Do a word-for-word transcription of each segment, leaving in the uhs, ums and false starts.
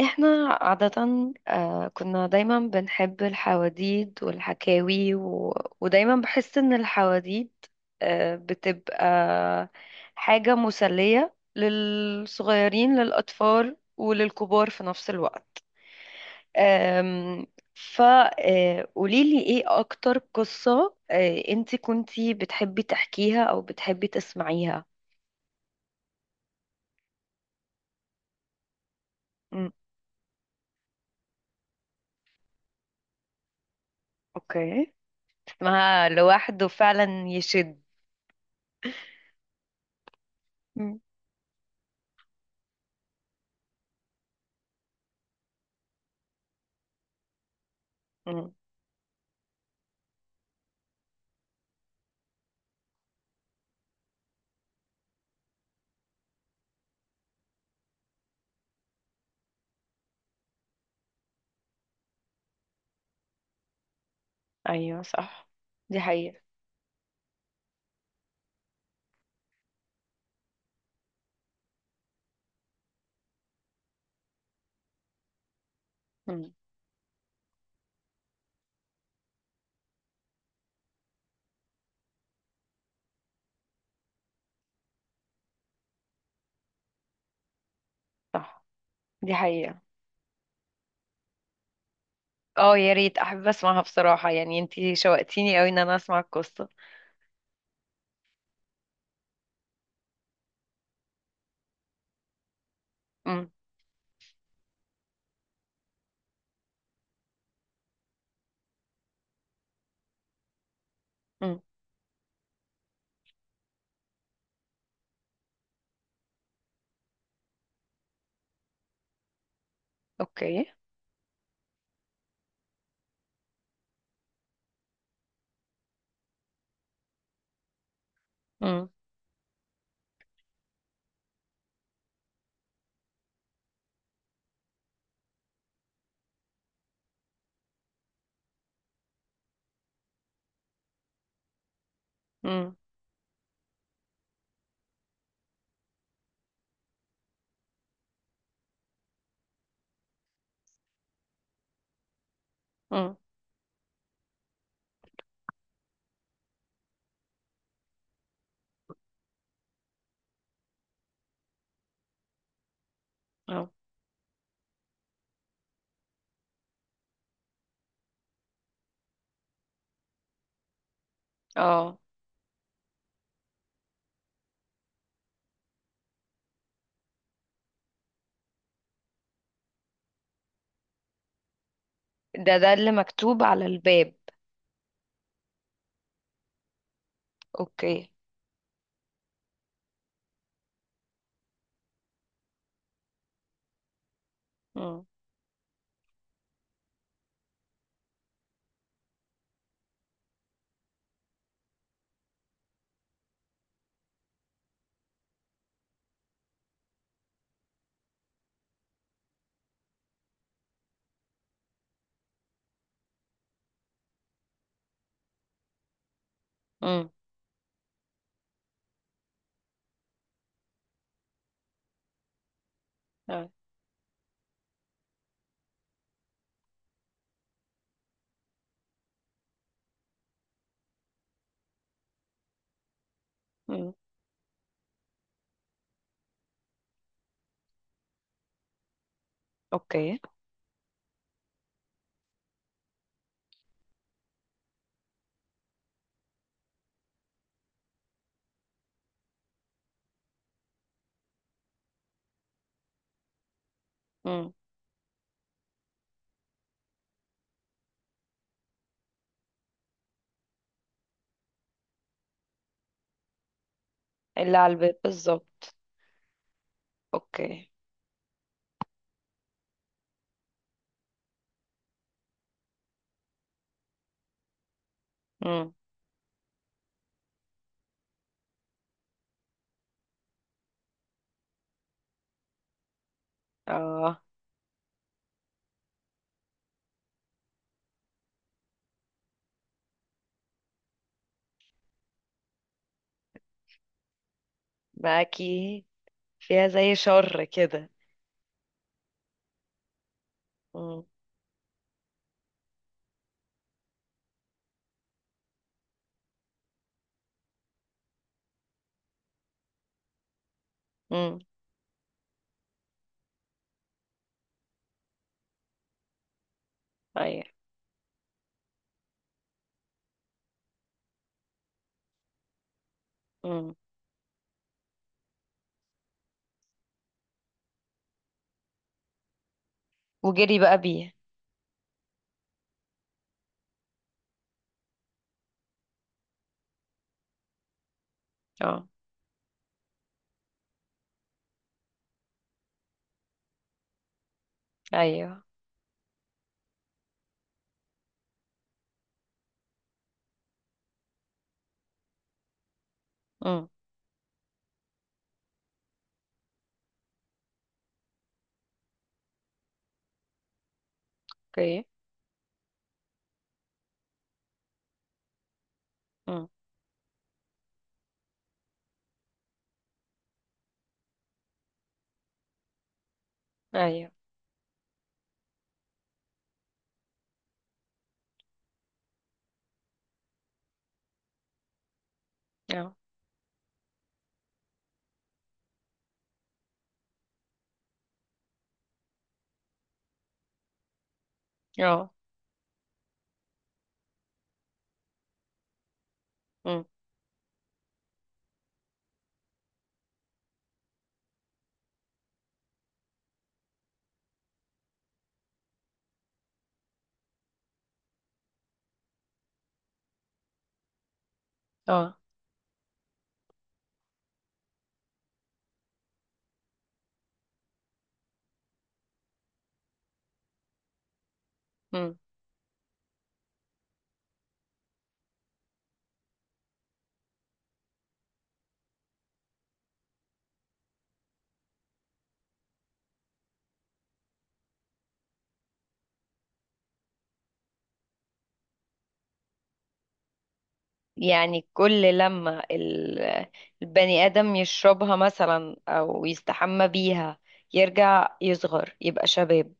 احنا عادة، آه، كنا دايما بنحب الحواديد والحكاوي و... ودايما بحس ان الحواديد آه، بتبقى حاجة مسلية للصغيرين، للأطفال وللكبار في نفس الوقت. فقوليلي ايه اكتر قصة آه، انتي كنتي بتحبي تحكيها او بتحبي تسمعيها؟ مم. اوكي. اسمها لوحده فعلا يشد. مم. مم. ايوه، صح. دي حقيقة. مم. صح، دي حقيقة. اه، يا ريت، احب اسمعها بصراحة. يعني انتي شوقتيني قوي ان انا اسمع القصة. مم. مم. اوكي. مم. مم. مم. اه، اه، ده ده اللي مكتوب على الباب؟ اوكي. مم. مم. آه. مم. اوكي. مم. اللي على الباب بالظبط. اوكي. مم. اه، باكي، فيها زي شر كده. مم. مم. ايوه. مم. وجري بقى بيه. اه. ايوه. امم. اوكي. امم. ايوه. اه، اه. امم. اه. امم. يعني كل لما ال- البني آدم يشربها مثلا او يستحمى بيها يرجع، يصغر، يبقى شباب.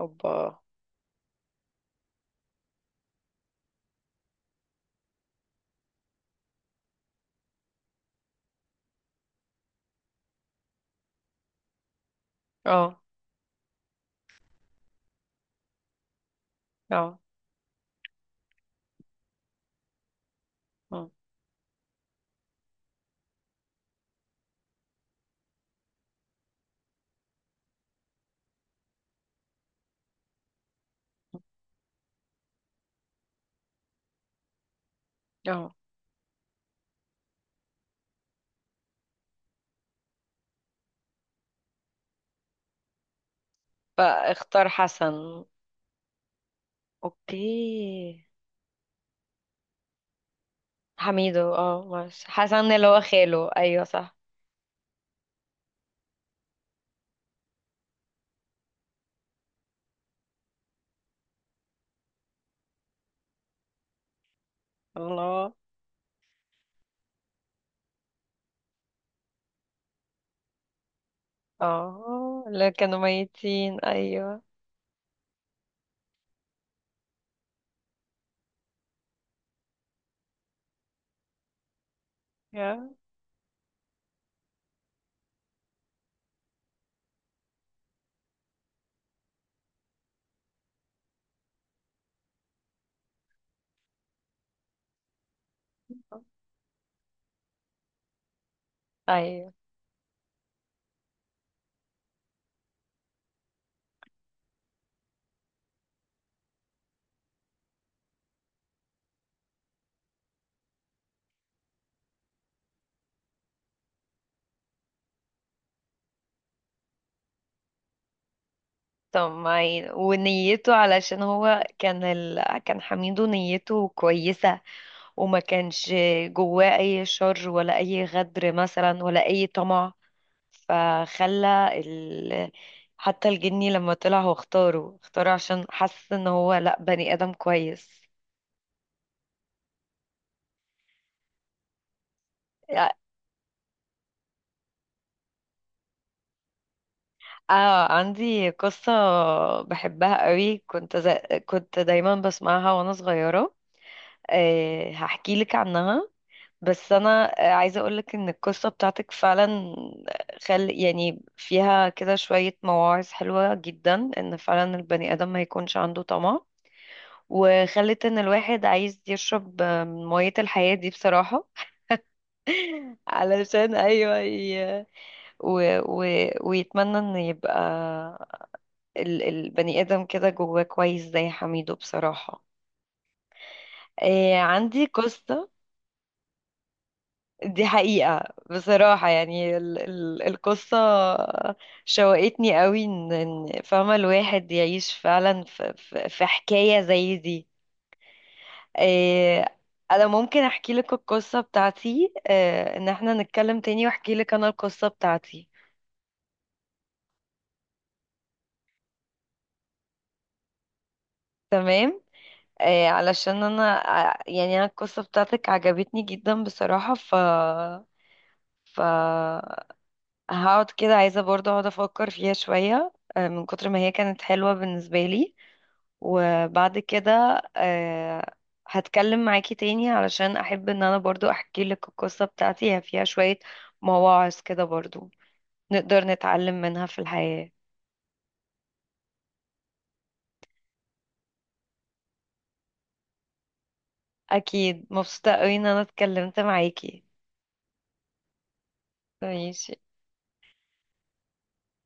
اوبا. اه، اه. أمم. اه، فاختار حسن. اوكي. حميدو، اه، ماشي، حسن اللي هو خاله. ايوه، صح. الله. اه، اللي كانوا ميتين، ايوه. يا. ايوه. طب ما ي- ونيته، علشان هو كان ال... كان حميدو نيته كويسة. وما كانش جواه أي شر ولا أي غدر مثلا ولا أي طمع. فخلى ال... حتى الجني لما طلع، هو اختاره اختاره عشان حس ان هو لأ، بني آدم كويس. اه، عندي قصة بحبها قوي. كنت زي... كنت دايما بسمعها وانا صغيرة. أه، هحكي لك عنها. بس انا آه، عايزه اقولك ان القصه بتاعتك فعلا، آه، خل، يعني فيها كده شويه مواعظ حلوه جدا. ان فعلا البني ادم ما يكونش عنده طمع. وخلت ان الواحد عايز يشرب من ميه الحياه دي بصراحه. علشان، ايوه، ي... و... و... ويتمنى ان يبقى ال... البني ادم كده جواه كويس زي حميدو بصراحه. إيه، عندي قصه. دي حقيقة. بصراحة، يعني ال ال القصة شوقتني قوي. ان إن فاهمة الواحد يعيش فعلا في, في, في حكاية زي دي. إيه، انا ممكن احكي لك القصة بتاعتي. إيه، ان احنا نتكلم تاني واحكي لك انا القصة بتاعتي. تمام. إيه، علشان انا ع- يعني انا القصة بتاعتك عجبتني جدا بصراحة، ف ف هقعد كده، عايزة برضه اقعد افكر فيها شوية، آه، من كتر ما هي كانت حلوة بالنسبة لي. وبعد كده، آه، هتكلم معاكي تاني، علشان احب ان انا برضو احكي لك القصة بتاعتي. هي فيها شوية مواعظ كده برضو نقدر نتعلم منها في الحياة. اكيد مبسوطة قوي ان انا اتكلمت معاكي. ماشي.